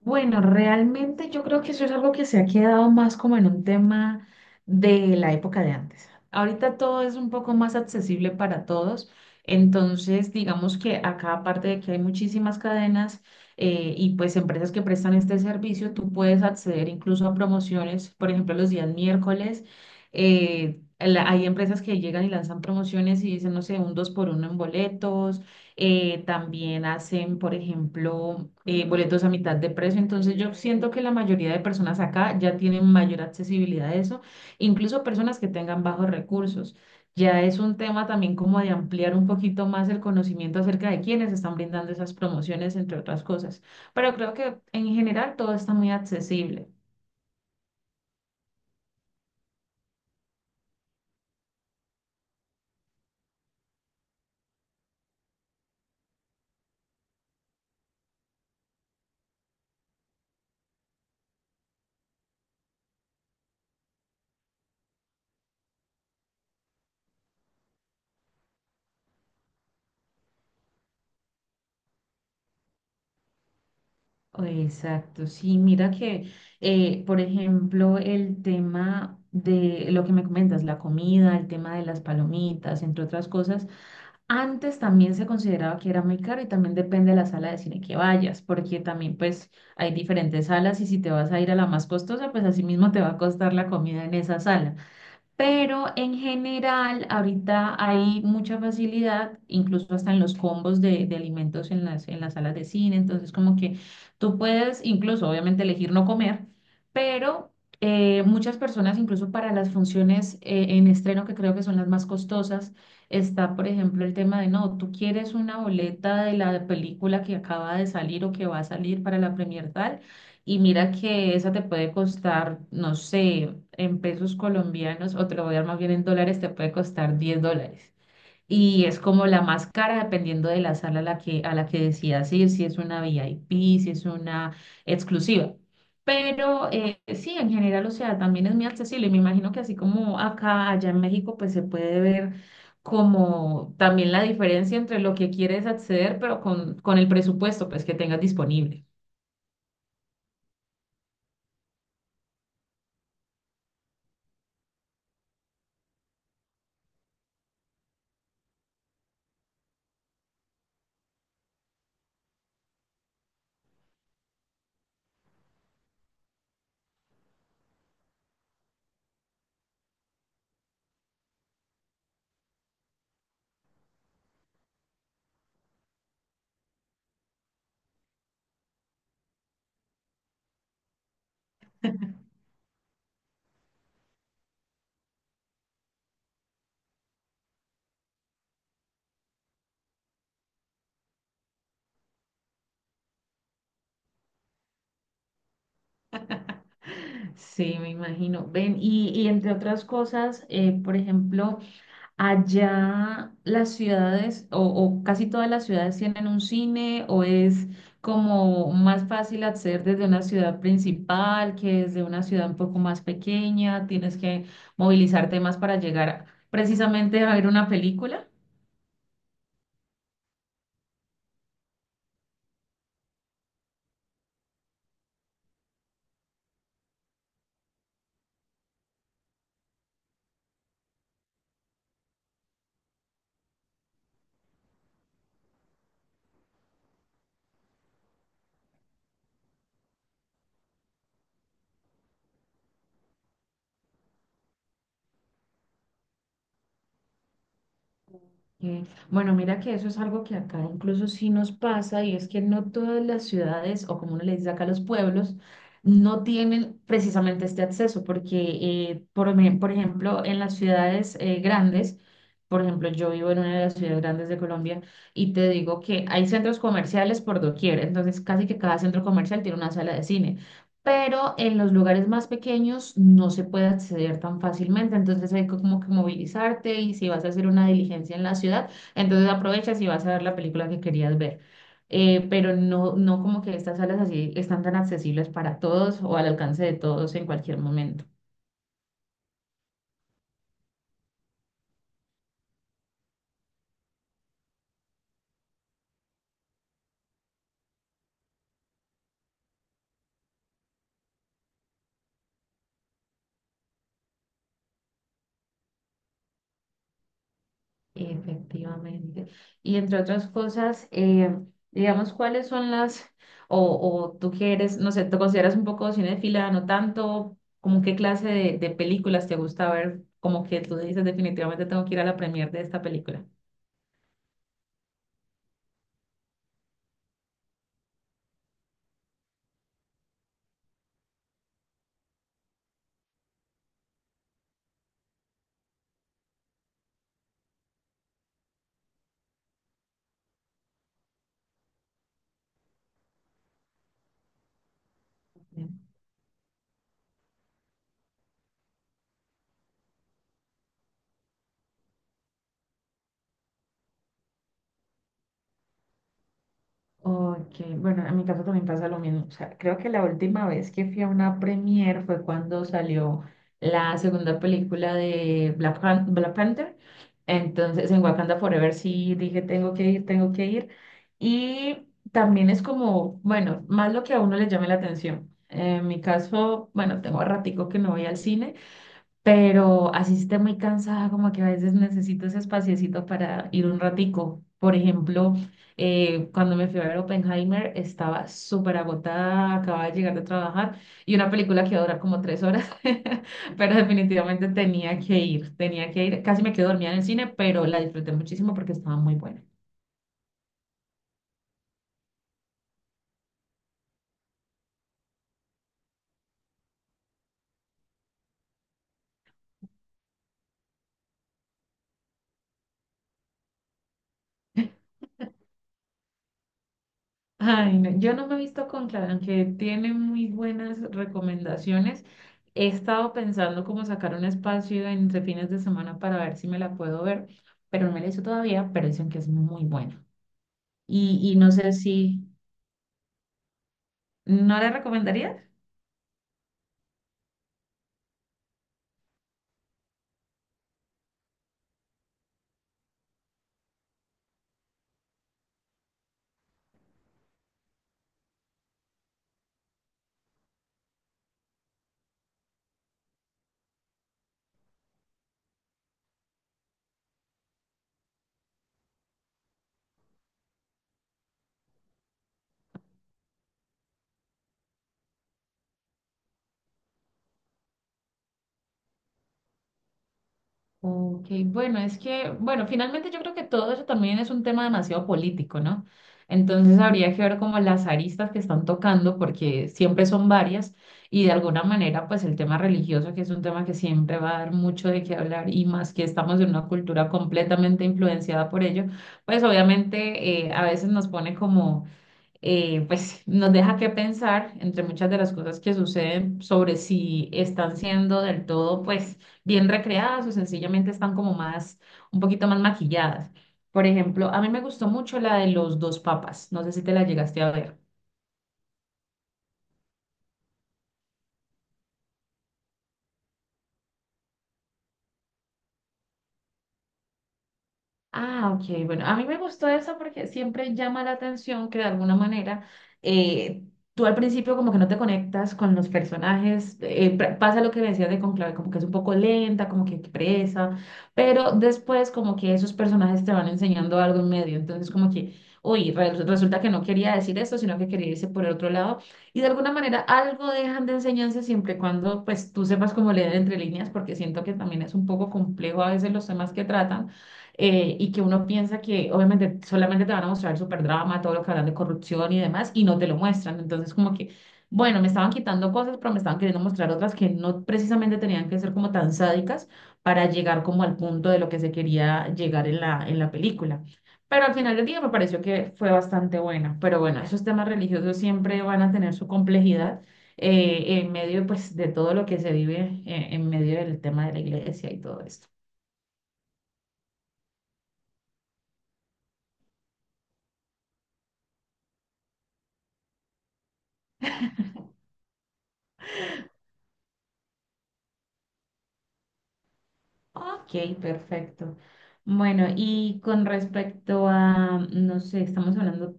Bueno, realmente yo creo que eso es algo que se ha quedado más como en un tema de la época de antes. Ahorita todo es un poco más accesible para todos, entonces digamos que acá aparte de que hay muchísimas cadenas y pues empresas que prestan este servicio, tú puedes acceder incluso a promociones, por ejemplo los días miércoles, hay empresas que llegan y lanzan promociones y dicen, no sé, un dos por uno en boletos también hacen, por ejemplo, boletos a mitad de precio. Entonces yo siento que la mayoría de personas acá ya tienen mayor accesibilidad a eso, incluso personas que tengan bajos recursos. Ya es un tema también como de ampliar un poquito más el conocimiento acerca de quiénes están brindando esas promociones, entre otras cosas. Pero creo que en general todo está muy accesible. Exacto, sí, mira que, por ejemplo, el tema de lo que me comentas, la comida, el tema de las palomitas, entre otras cosas, antes también se consideraba que era muy caro y también depende de la sala de cine que vayas, porque también pues hay diferentes salas y si te vas a ir a la más costosa, pues así mismo te va a costar la comida en esa sala. Pero en general, ahorita hay mucha facilidad, incluso hasta en los combos de alimentos en las salas de cine. Entonces, como que tú puedes incluso, obviamente, elegir no comer, pero muchas personas, incluso para las funciones en estreno, que creo que son las más costosas, está, por ejemplo, el tema de, no, tú quieres una boleta de la película que acaba de salir o que va a salir para la premier tal y mira que esa te puede costar, no sé, en pesos colombianos, o te lo voy a dar más bien en dólares, te puede costar $10. Y es como la más cara dependiendo de la sala a la que decidas ir, si es una VIP, si es una exclusiva. Pero sí, en general, o sea, también es muy accesible. Y me imagino que así como acá, allá en México, pues se puede ver como también la diferencia entre lo que quieres acceder, pero con el presupuesto, pues, que tengas disponible. Sí, me imagino. Ven, y entre otras cosas, por ejemplo, allá las ciudades o casi todas las ciudades tienen un cine o es como más fácil acceder desde una ciudad principal que desde una ciudad un poco más pequeña, tienes que movilizarte más para llegar precisamente a ver una película. Eh, Bueno, mira que eso es algo que acá incluso sí nos pasa y es que no todas las ciudades o como uno le dice acá los pueblos no tienen precisamente este acceso porque por ejemplo en las ciudades grandes, por ejemplo yo vivo en una de las ciudades grandes de Colombia y te digo que hay centros comerciales por doquier, entonces casi que cada centro comercial tiene una sala de cine pero en los lugares más pequeños no se puede acceder tan fácilmente, entonces hay que como que movilizarte y si vas a hacer una diligencia en la ciudad, entonces aprovechas y vas a ver la película que querías ver. Pero no, no como que estas salas así están tan accesibles para todos o al alcance de todos en cualquier momento. Efectivamente. Y entre otras cosas, digamos, ¿cuáles son las, o, o tú que eres, no sé, te consideras un poco cinéfila, no tanto, como qué clase de películas te gusta ver, como que tú dices definitivamente tengo que ir a la premier de esta película? Ok, bueno, en mi caso también pasa lo mismo. O sea, creo que la última vez que fui a una premiere fue cuando salió la segunda película de Black Panther. Entonces, en Wakanda Forever sí dije, tengo que ir, tengo que ir. Y también es como, bueno, más lo que a uno le llame la atención. En mi caso, bueno, tengo ratico que no voy al cine pero así esté muy cansada, como que a veces necesito ese espaciecito para ir un ratico. Por ejemplo, cuando me fui a ver Oppenheimer, estaba súper agotada, acababa de llegar de trabajar y una película que iba a durar como 3 horas, pero definitivamente tenía que ir, tenía que ir. Casi me quedé dormida en el cine, pero la disfruté muchísimo porque estaba muy buena. Ay, no, yo no me he visto Cónclave, aunque tiene muy buenas recomendaciones. He estado pensando cómo sacar un espacio entre fines de semana para ver si me la puedo ver, pero no me la he visto todavía, pero dicen que es muy buena. Y no sé si, ¿no la recomendarías? Ok, bueno, es que, bueno, finalmente yo creo que todo eso también es un tema demasiado político, ¿no? Entonces habría que ver como las aristas que están tocando, porque siempre son varias, y de alguna manera, pues el tema religioso, que es un tema que siempre va a dar mucho de qué hablar, y más que estamos en una cultura completamente influenciada por ello, pues obviamente a veces nos pone como pues nos deja que pensar entre muchas de las cosas que suceden sobre si están siendo del todo pues bien recreadas o sencillamente están como más, un poquito más maquilladas. Por ejemplo, a mí me gustó mucho la de los dos papas, no sé si te la llegaste a ver. Ah, ok. Bueno, a mí me gustó eso porque siempre llama la atención que de alguna manera eh, tú al principio como que no te conectas con los personajes. Pasa lo que me decías de Conclave, como que es un poco lenta, como que presa, pero después como que esos personajes te van enseñando algo en medio. Entonces como que, resulta que no quería decir eso, sino que quería irse por el otro lado. Y de alguna manera algo dejan de enseñanza siempre y cuando pues tú sepas cómo leer entre líneas, porque siento que también es un poco complejo a veces los temas que tratan y que uno piensa que obviamente solamente te van a mostrar el superdrama, todo lo que hablan de corrupción y demás, y no te lo muestran. Entonces, como que, bueno, me estaban quitando cosas, pero me estaban queriendo mostrar otras que no precisamente tenían que ser como tan sádicas para llegar como al punto de lo que se quería llegar en la película. Pero al final del día me pareció que fue bastante buena. Pero bueno, esos temas religiosos siempre van a tener su complejidad en medio pues de todo lo que se vive en medio del tema de la iglesia y todo esto. Ok, perfecto. Bueno, y con respecto a, no sé, estamos hablando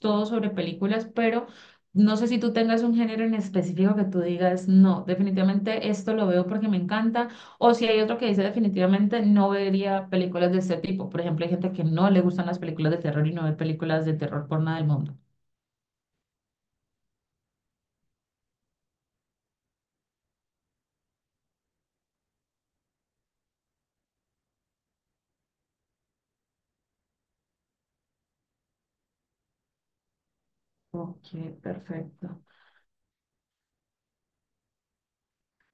todo sobre películas, pero no sé si tú tengas un género en específico que tú digas, no, definitivamente esto lo veo porque me encanta, o si hay otro que dice definitivamente no vería películas de este tipo. Por ejemplo, hay gente que no le gustan las películas de terror y no ve películas de terror por nada del mundo. Ok, perfecto.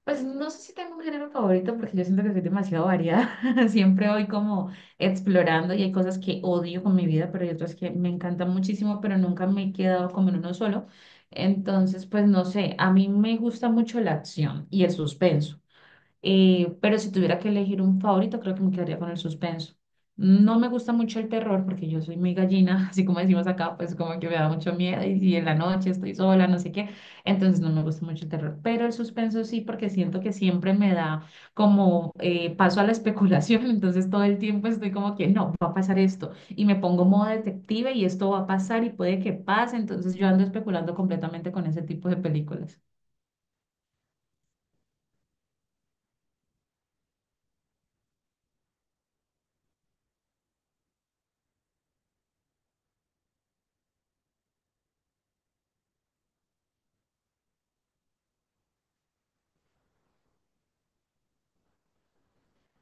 Pues no sé si tengo un género favorito porque yo siento que soy demasiado variada. Siempre voy como explorando y hay cosas que odio con mi vida, pero hay otras que me encantan muchísimo, pero nunca me he quedado como en uno solo. Entonces, pues no sé, a mí me gusta mucho la acción y el suspenso. Pero si tuviera que elegir un favorito, creo que me quedaría con el suspenso. No me gusta mucho el terror porque yo soy muy gallina, así como decimos acá, pues como que me da mucho miedo y si en la noche estoy sola, no sé qué, entonces no me gusta mucho el terror, pero el suspenso sí porque siento que siempre me da como paso a la especulación, entonces todo el tiempo estoy como que no, va a pasar esto y me pongo modo detective y esto va a pasar y puede que pase, entonces yo ando especulando completamente con ese tipo de películas.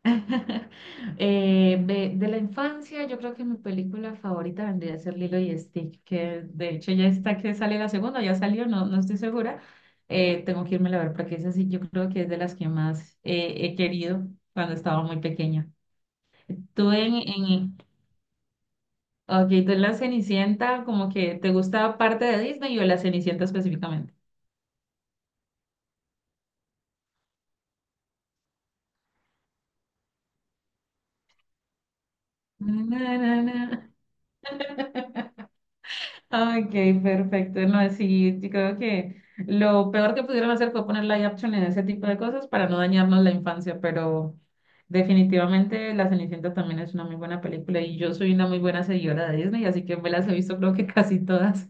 De la infancia, yo creo que mi película favorita vendría a ser Lilo y Stitch, que de hecho ya está que sale la segunda, ya salió, no, no estoy segura. Tengo que irme a ver porque es así, yo creo que es de las que más he querido cuando estaba muy pequeña. Tú en, en, ok, tú en la Cenicienta, como que te gusta parte de Disney o la Cenicienta específicamente. Na, na, na. Ok, perfecto. No, sí, yo creo que lo peor que pudieron hacer fue poner live action en ese tipo de cosas para no dañarnos la infancia, pero definitivamente La Cenicienta también es una muy buena película y yo soy una muy buena seguidora de Disney, así que me las he visto creo que casi todas.